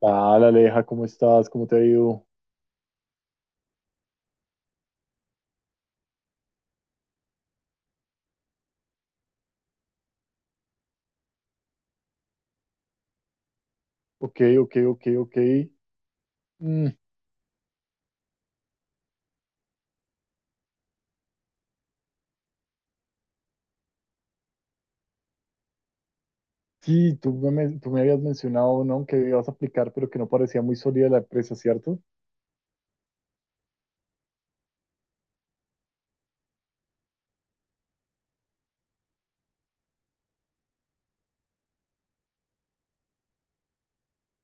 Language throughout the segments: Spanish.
Hola Aleja, ¿cómo estás? ¿Cómo te ha ido? Ok, ok, ok, ok. Mm, sí, tú me habías mencionado, ¿no? Que ibas a aplicar, pero que no parecía muy sólida la empresa, ¿cierto?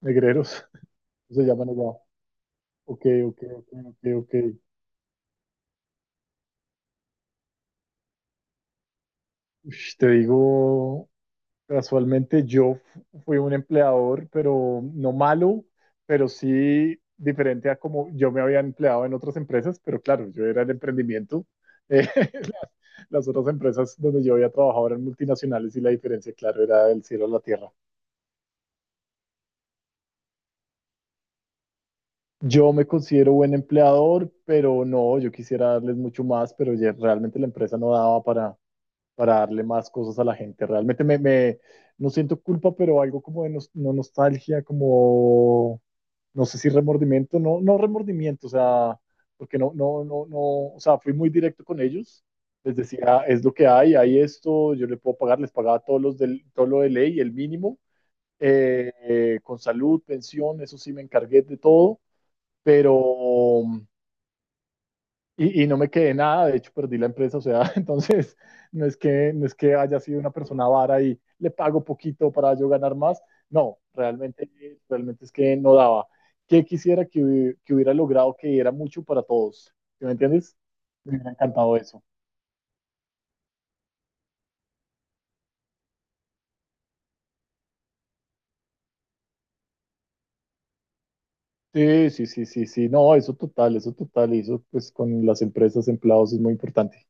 Negreros, se llaman allá. Ok, ok, ok, ok, ok. Ush, te digo, casualmente fui un empleador, pero no malo, pero sí diferente a como yo me había empleado en otras empresas, pero claro, yo era el emprendimiento. Eh, las, las otras empresas donde yo había trabajado eran multinacionales y la diferencia, claro, era del cielo a la tierra. Yo me considero buen empleador, pero no, yo quisiera darles mucho más, pero ya realmente la empresa no daba para darle más cosas a la gente. Realmente no siento culpa, pero algo como de no nostalgia, como no sé si remordimiento, no, no remordimiento, o sea, porque no, o sea, fui muy directo con ellos. Les decía, es lo que hay esto, yo le puedo pagar, les pagaba todo lo de ley, el mínimo, con salud, pensión, eso sí me encargué de todo, pero y no me quedé nada, de hecho perdí la empresa, o sea, entonces no es que haya sido una persona vara y le pago poquito para yo ganar más, no, realmente es que no daba. ¿Qué quisiera que, que hubiera logrado que era mucho para todos? ¿Sí? ¿Me entiendes? Me hubiera encantado eso. Sí, no, eso total, y eso pues con las empresas, empleados es muy importante.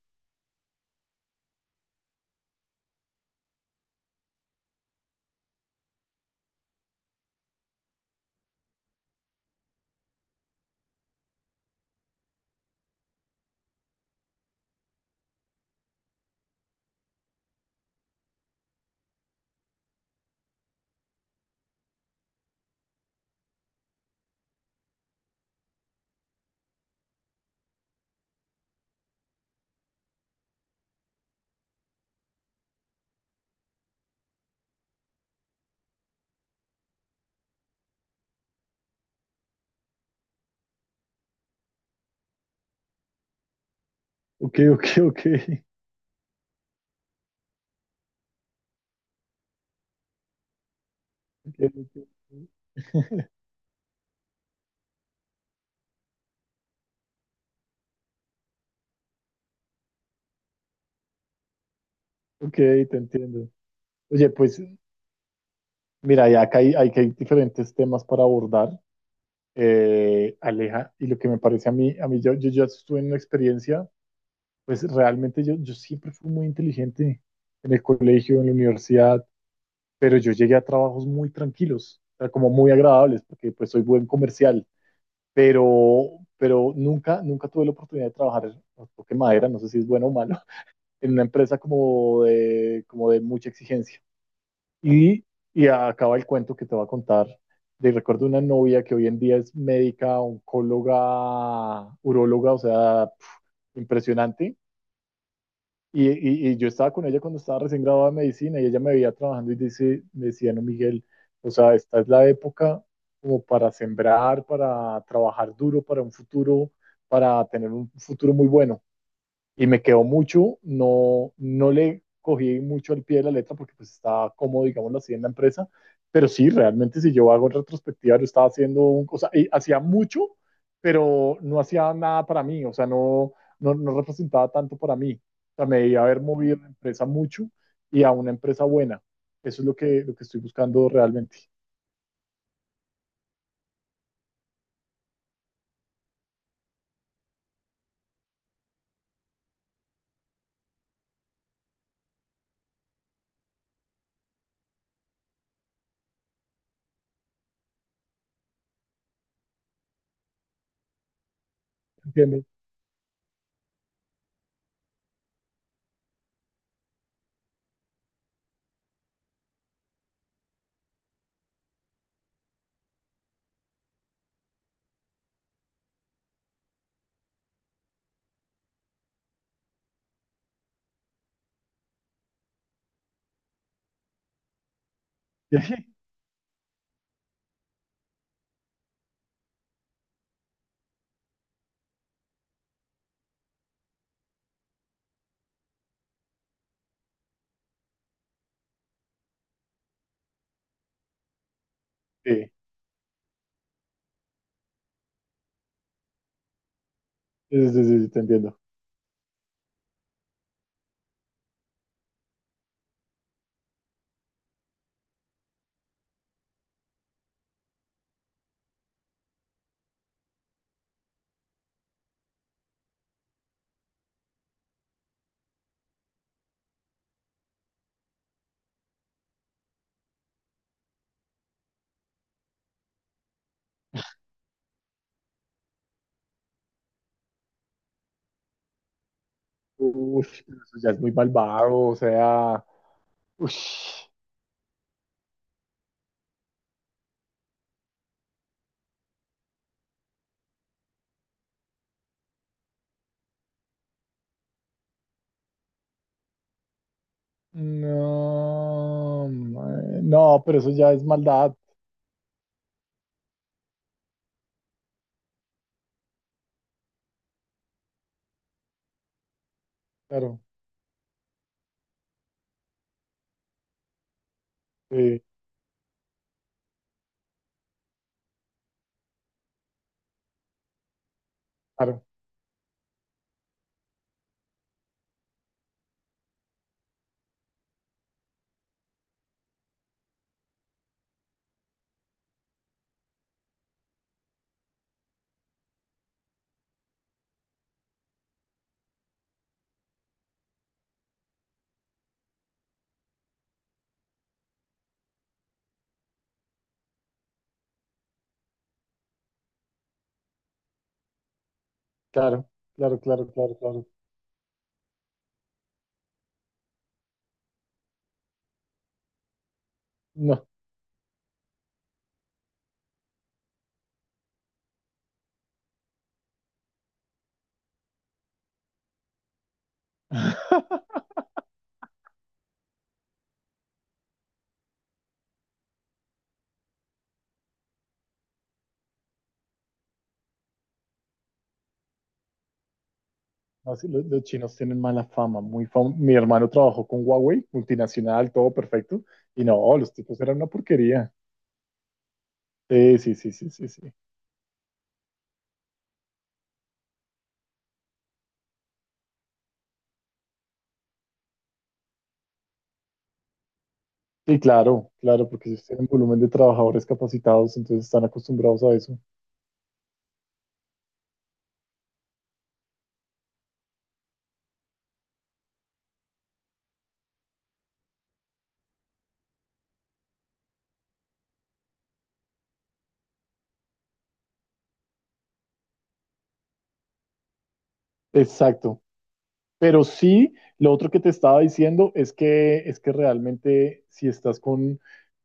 Ok, ok, ok. Ok, ok, ok, te entiendo. Oye, pues mira, ya acá hay diferentes temas para abordar, Aleja, y lo que me parece a mí, yo ya estuve en una experiencia, pues realmente yo, yo siempre fui muy inteligente en el colegio, en la universidad, pero yo llegué a trabajos muy tranquilos, o sea, como muy agradables, porque pues soy buen comercial, pero, nunca tuve la oportunidad de trabajar, toque madera, no sé si es bueno o malo, en una empresa como de mucha exigencia. Y, y acaba el cuento que te voy a contar de recuerdo una novia que hoy en día es médica, oncóloga, uróloga, o sea, pf, impresionante. Y yo estaba con ella cuando estaba recién graduada de medicina y ella me veía trabajando y dice, me decía, no, Miguel, o sea, esta es la época como para sembrar, para trabajar duro, para un futuro, para tener un futuro muy bueno y me quedó mucho, no, no le cogí mucho al pie de la letra porque pues estaba cómodo, digámoslo así, en la empresa, pero sí, realmente si yo hago en retrospectiva, yo estaba haciendo, un, o sea, hacía mucho, pero no hacía nada para mí, o sea, no representaba tanto para mí, o sea, me debía haber movido la empresa mucho y a una empresa buena, eso es lo que estoy buscando realmente, ¿entiendes? Sí, sí, te entiendo. Uy, pero eso ya es muy malvado, o sea, uy. No, mae, no, pero eso ya es maldad. Claro, sí, claro, claro, claro. No. No, sí, los chinos tienen mala fama, mi hermano trabajó con Huawei, multinacional, todo perfecto. Y no, los tipos eran una porquería. Sí. Sí, claro, claro, porque ellos tienen volumen de trabajadores capacitados, entonces están acostumbrados a eso. Exacto. Pero sí, lo otro que te estaba diciendo es que realmente si estás con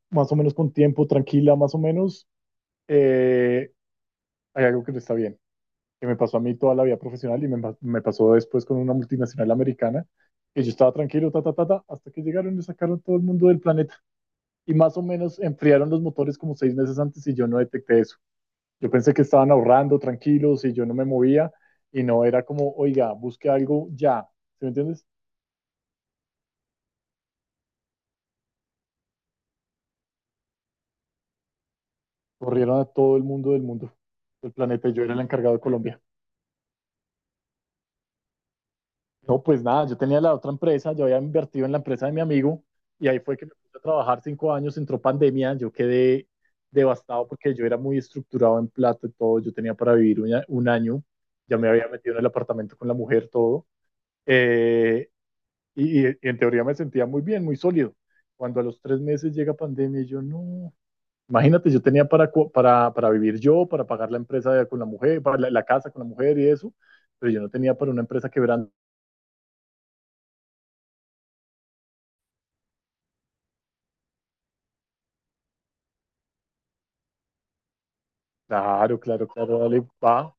más o menos con tiempo, tranquila, más o menos, eh, hay algo que no está bien, que me pasó a mí toda la vida profesional y me pasó después con una multinacional americana, que yo estaba tranquilo, ta, ta, ta, ta, hasta que llegaron y sacaron todo el mundo del planeta. Y más o menos enfriaron los motores como 6 meses antes y yo no detecté eso. Yo pensé que estaban ahorrando tranquilos y yo no me movía y no era como, oiga, busque algo ya, ¿sí me entiendes? Corrieron a todo el mundo, del planeta, y yo era el encargado de Colombia. No, pues nada, yo tenía la otra empresa, yo había invertido en la empresa de mi amigo, y ahí fue que me puse a trabajar 5 años, entró pandemia, yo quedé devastado porque yo era muy estructurado en plata y todo, yo tenía para vivir 1 año, ya me había metido en el apartamento con la mujer, todo, eh, y en teoría me sentía muy bien, muy sólido. Cuando a los 3 meses llega pandemia, y yo no. Imagínate, yo tenía para, para vivir yo, para pagar la empresa con la mujer, para la casa con la mujer y eso, pero yo no tenía para una empresa quebrando. Claro, claro, claro, dale, va.